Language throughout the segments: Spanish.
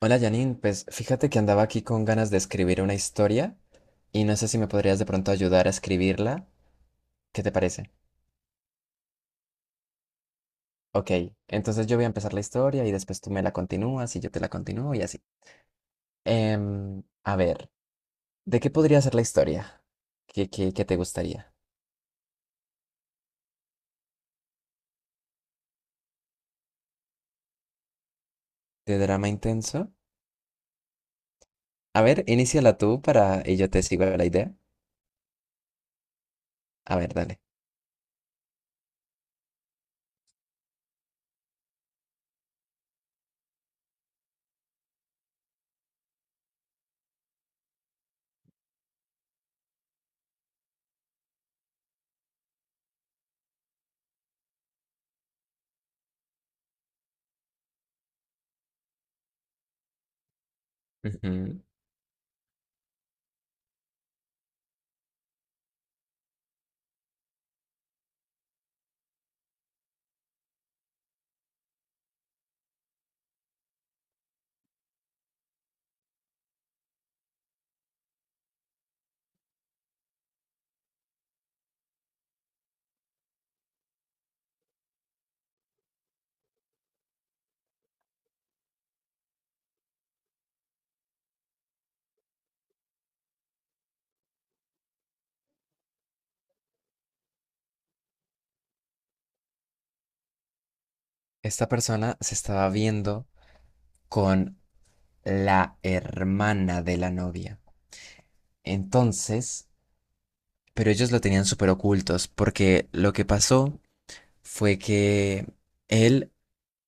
Hola Janine, pues fíjate que andaba aquí con ganas de escribir una historia y no sé si me podrías de pronto ayudar a escribirla. ¿Qué te parece? Ok, entonces yo voy a empezar la historia y después tú me la continúas y yo te la continúo y así. A ver, ¿de qué podría ser la historia? ¿Qué te gustaría? ¿De drama intenso? A ver, iníciala tú para y yo te sigo la idea. A ver, dale. Ujú. Esta persona se estaba viendo con la hermana de la novia. Entonces, pero ellos lo tenían súper ocultos, porque lo que pasó fue que él,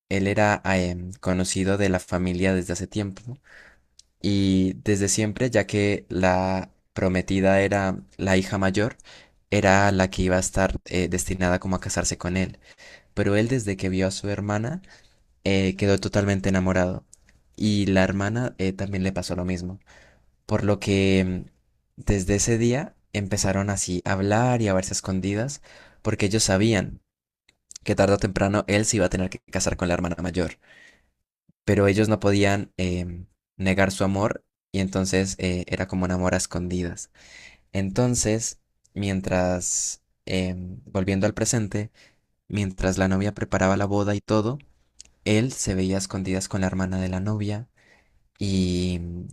él era conocido de la familia desde hace tiempo, ¿no? Y desde siempre, ya que la prometida era la hija mayor, era la que iba a estar destinada como a casarse con él. Pero él desde que vio a su hermana quedó totalmente enamorado y la hermana también le pasó lo mismo. Por lo que desde ese día empezaron así a hablar y a verse a escondidas, porque ellos sabían que tarde o temprano él se iba a tener que casar con la hermana mayor, pero ellos no podían negar su amor, y entonces era como un amor a escondidas. Entonces, mientras, volviendo al presente, mientras la novia preparaba la boda y todo, él se veía a escondidas con la hermana de la novia y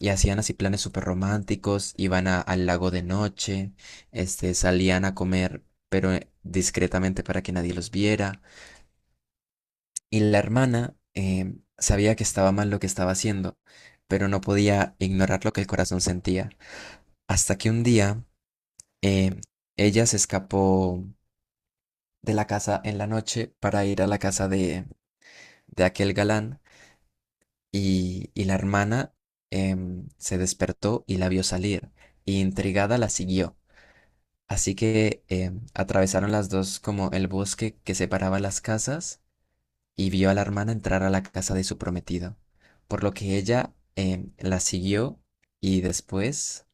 Y hacían así planes súper románticos, al lago de noche, este, salían a comer, pero discretamente para que nadie los viera. Y la hermana sabía que estaba mal lo que estaba haciendo, pero no podía ignorar lo que el corazón sentía. Hasta que un día eh, ella se escapó de la casa en la noche para ir a la casa de aquel galán, y la hermana se despertó y la vio salir, y intrigada la siguió. Así que atravesaron las dos como el bosque que separaba las casas y vio a la hermana entrar a la casa de su prometido, por lo que ella la siguió, y después,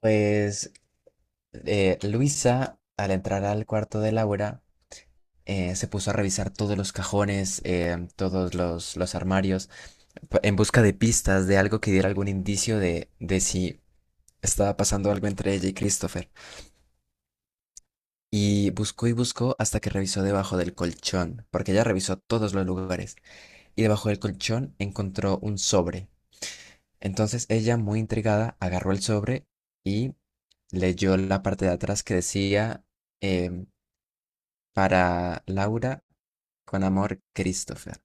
pues Luisa, al entrar al cuarto de Laura, se puso a revisar todos los cajones, todos los armarios, en busca de pistas, de algo que diera algún indicio de si estaba pasando algo entre ella y Christopher. Y buscó hasta que revisó debajo del colchón, porque ella revisó todos los lugares, y debajo del colchón encontró un sobre. Entonces ella, muy intrigada, agarró el sobre y leyó la parte de atrás que decía em, para Laura, con amor, Christopher.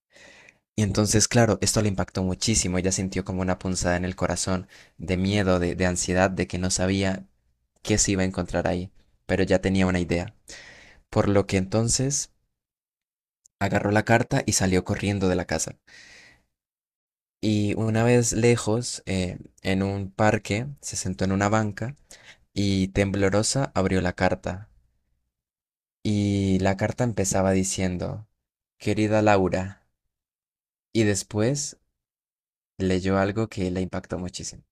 Y entonces, claro, esto le impactó muchísimo. Ella sintió como una punzada en el corazón, de miedo, de ansiedad, de que no sabía qué se iba a encontrar ahí, pero ya tenía una idea. Por lo que entonces agarró la carta y salió corriendo de la casa. Y una vez lejos, en un parque, se sentó en una banca y temblorosa abrió la carta. Y la carta empezaba diciendo, querida Laura, y después leyó algo que la impactó muchísimo.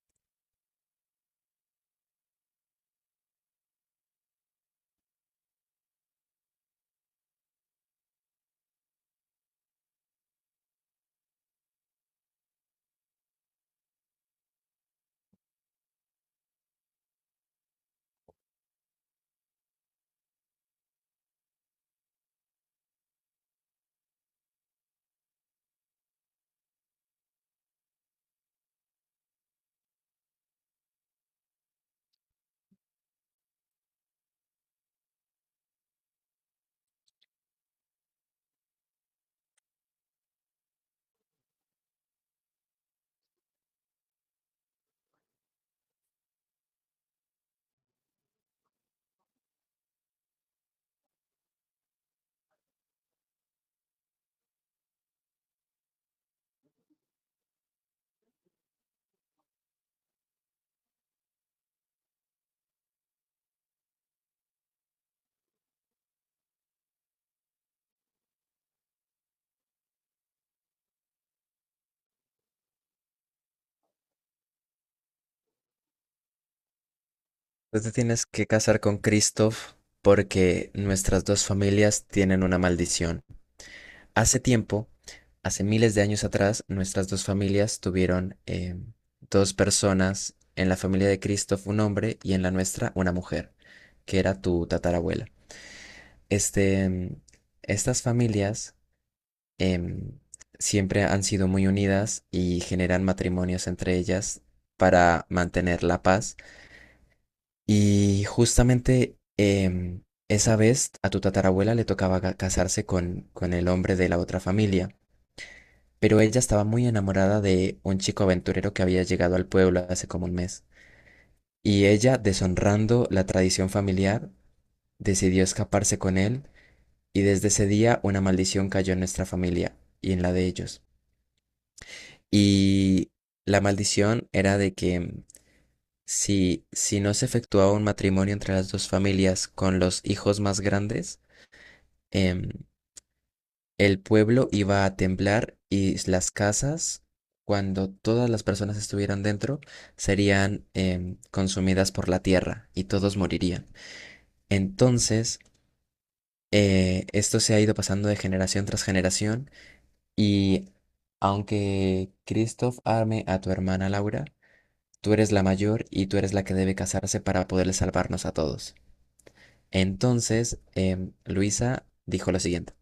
Tú te tienes que casar con Christoph porque nuestras dos familias tienen una maldición. Hace tiempo, hace miles de años atrás, nuestras dos familias tuvieron dos personas. En la familia de Cristo un hombre, y en la nuestra una mujer, que era tu tatarabuela. Este, estas familias em, siempre han sido muy unidas y generan matrimonios entre ellas para mantener la paz. Y justamente esa vez a tu tatarabuela le tocaba casarse con el hombre de la otra familia. Pero ella estaba muy enamorada de un chico aventurero que había llegado al pueblo hace como un mes. Y ella, deshonrando la tradición familiar, decidió escaparse con él, y desde ese día una maldición cayó en nuestra familia y en la de ellos. Y la maldición era de que si no se efectuaba un matrimonio entre las dos familias con los hijos más grandes, em, el pueblo iba a temblar y las casas, cuando todas las personas estuvieran dentro, serían consumidas por la tierra y todos morirían. Entonces, esto se ha ido pasando de generación tras generación, y aunque Christoph arme a tu hermana Laura, tú eres la mayor y tú eres la que debe casarse para poderle salvarnos a todos. Entonces, Luisa dijo lo siguiente.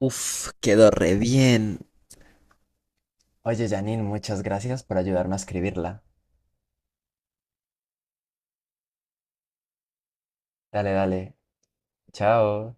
Uf, quedó re bien. Oye, Janine, muchas gracias por ayudarme a escribirla. Dale, dale. Chao.